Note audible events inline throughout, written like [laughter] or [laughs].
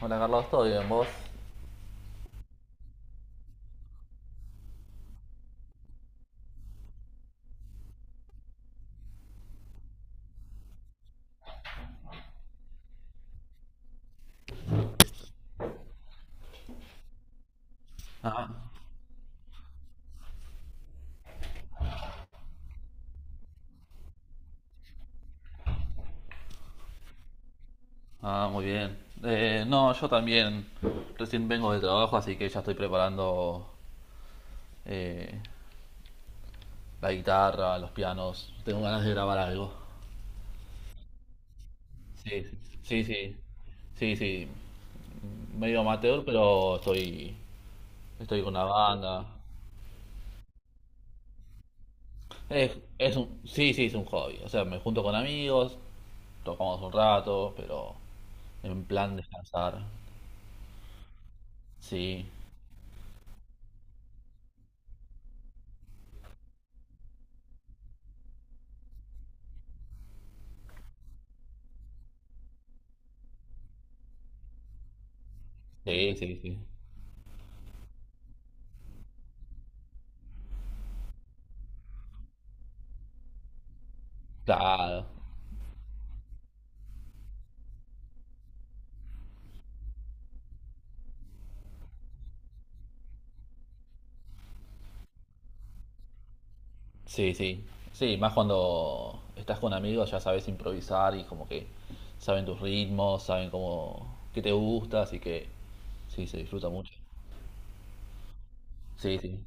Hola Carlos, ¿todo bien vos? Ah, muy bien. No, yo también recién vengo de trabajo, así que ya estoy preparando eh, la guitarra, los pianos. Tengo ganas de grabar algo. Sí, sí, sí. Sí, sí. Medio amateur, pero estoy con una banda. Es un hobby. O sea, me junto con amigos, tocamos un rato, pero en plan descansar. Sí, sí, sí, sí. Claro. Sí, sí. Sí, más cuando estás con amigos ya sabes improvisar y como que saben tus ritmos, qué te gusta, así que sí, se disfruta mucho. Sí, sí.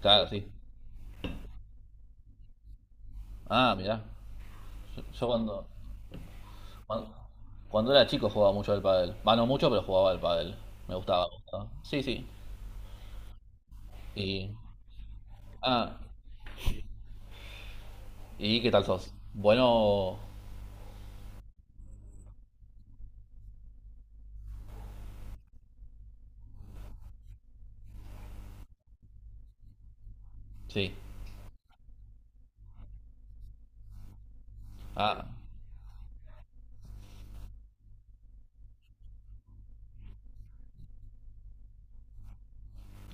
Claro, sí. Ah, mirá. Yo cuando, cuando, cuando era chico jugaba mucho al pádel. Va, no mucho, pero jugaba al pádel. Me gustaba, me gustaba. Sí, sí. Y, ah, ¿Y qué tal sos? Bueno, sí. Ah,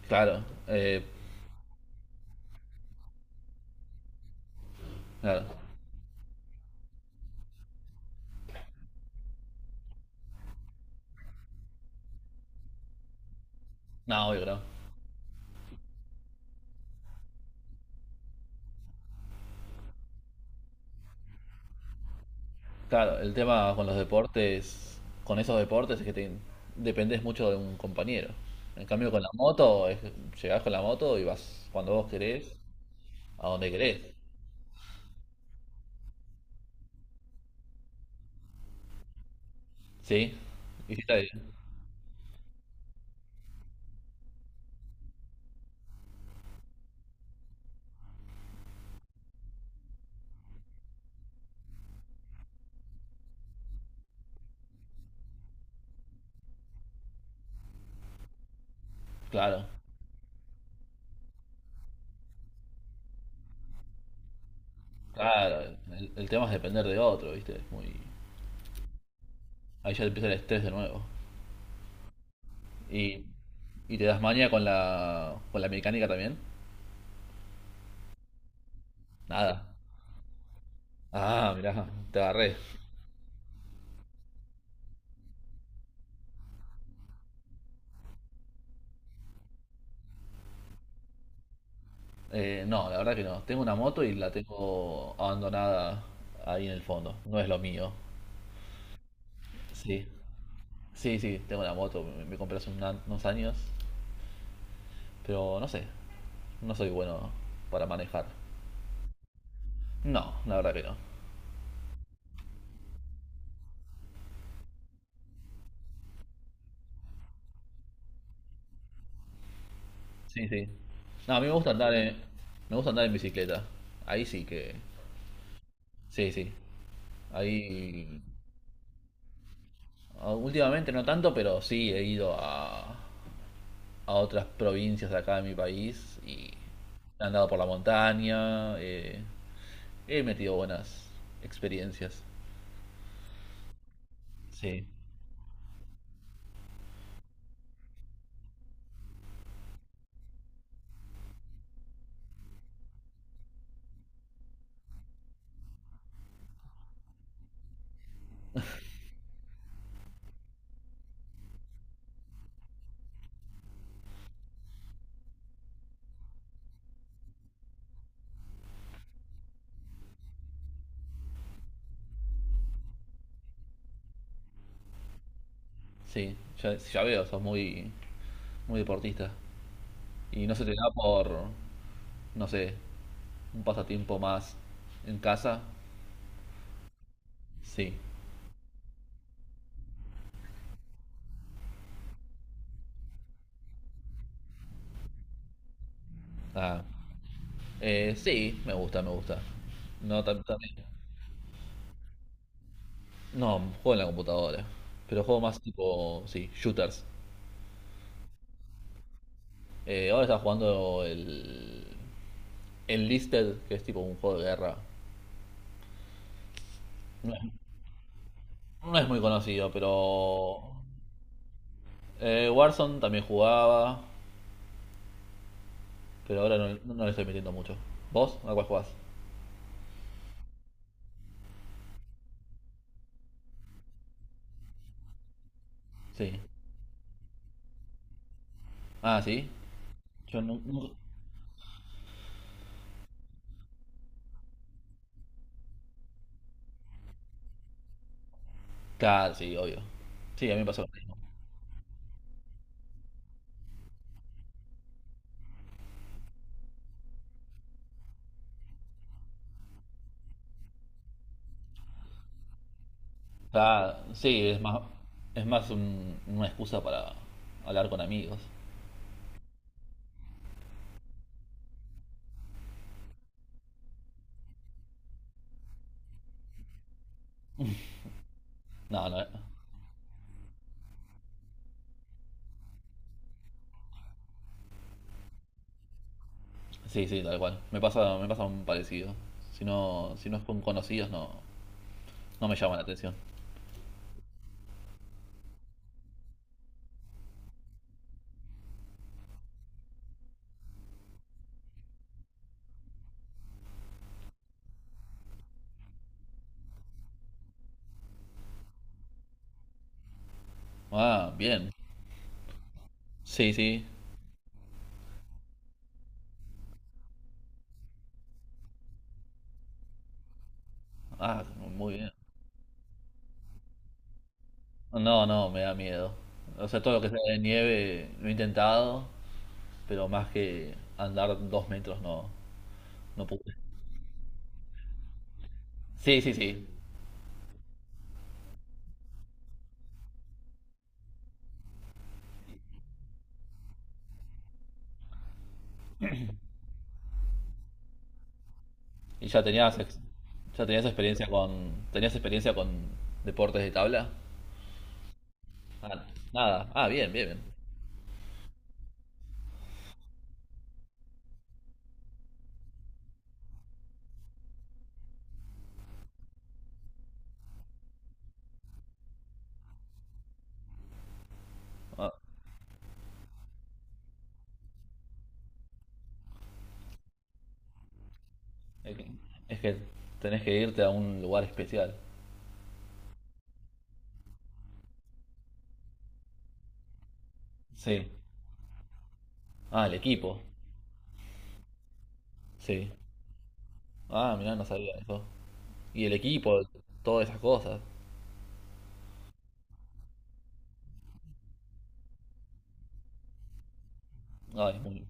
claro. Claro. No, obvio que no. Claro, el tema con los deportes, con esos deportes es que dependés mucho de un compañero. En cambio con la moto, es, llegás con la moto y vas cuando vos querés, a donde querés. ¿Sí? ¿Viste? Ahí. Claro, claro. El tema es depender de otro, ¿viste? Es muy... Ahí ya empieza el estrés de nuevo. Y, y te das maña con la mecánica también. Nada. Ah, mirá, te agarré. No, la verdad que no. Tengo una moto y la tengo abandonada ahí en el fondo. No es lo mío. Sí, sí, sí, tengo una moto. Me compré hace unos años. Pero no sé, no soy bueno para manejar. No, la verdad que no. Sí, sí. No, a mí me gusta me gusta andar en bicicleta. Ahí sí que... Sí, sí. Ahí... últimamente no tanto, pero sí he ido a otras provincias de acá de mi país y he andado por la montaña. He metido buenas experiencias. Sí, sí, ya veo, muy deportista. ¿Y no se te da por, no sé, un pasatiempo más en casa? Sí. Ah, sí, me gusta, me gusta. No, también. No, juego en la computadora. Pero juego más tipo, sí, shooters. Ahora estaba jugando el Listed, que es tipo un juego de guerra. No es, no es muy conocido, pero Warzone también jugaba. Pero ahora no, no le estoy metiendo mucho. ¿Vos? ¿A cuál jugás? Sí. Ah, sí. Yo nunca. Claro, sí, obvio. Sí, a mí me pasó lo mismo. O sea, sí, es más una excusa para hablar con amigos. No, no. Sí, sí, tal cual. Me pasa un parecido. Si no, si no es con conocidos, no, no me llama la atención. Ah, bien. Sí, sí. Ah, muy bien. No, no, me da miedo. O sea, todo lo que sea de nieve lo he intentado pero más que andar 2 metros no, no pude. Sí, sí, sí. Y ya tenías, ya tenías experiencia tenías experiencia con deportes de tabla. Ah, nada. Ah, bien, bien, bien. Ah, es que es que tenés que irte a un lugar especial. Sí. Ah, el equipo. Sí. Ah, mirá, no sabía eso. Y el equipo, todas esas cosas. Ay, muy...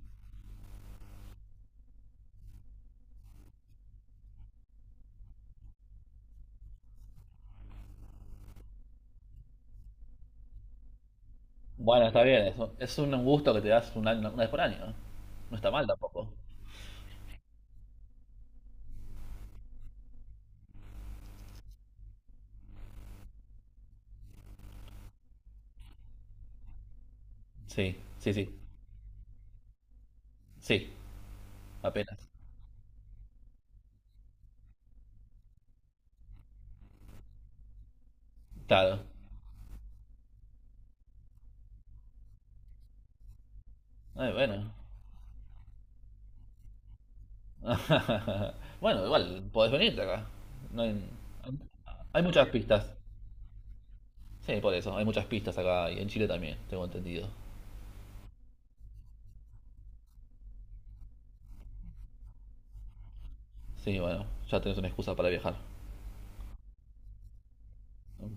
Bueno, está bien, eso. Es un gusto que te das una vez por año. No No está mal tampoco. Sí, sí, sí. Sí, apenas. Claro. Ay, bueno. [laughs] Bueno, igual, podés venirte acá. No hay, hay muchas pistas. Sí, por eso, hay muchas pistas acá y en Chile también, tengo entendido. Sí, bueno, ya tenés una excusa para viajar.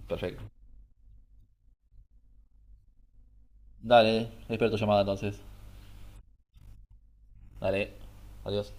Perfecto. Dale, espero tu llamada entonces. Dale, adiós.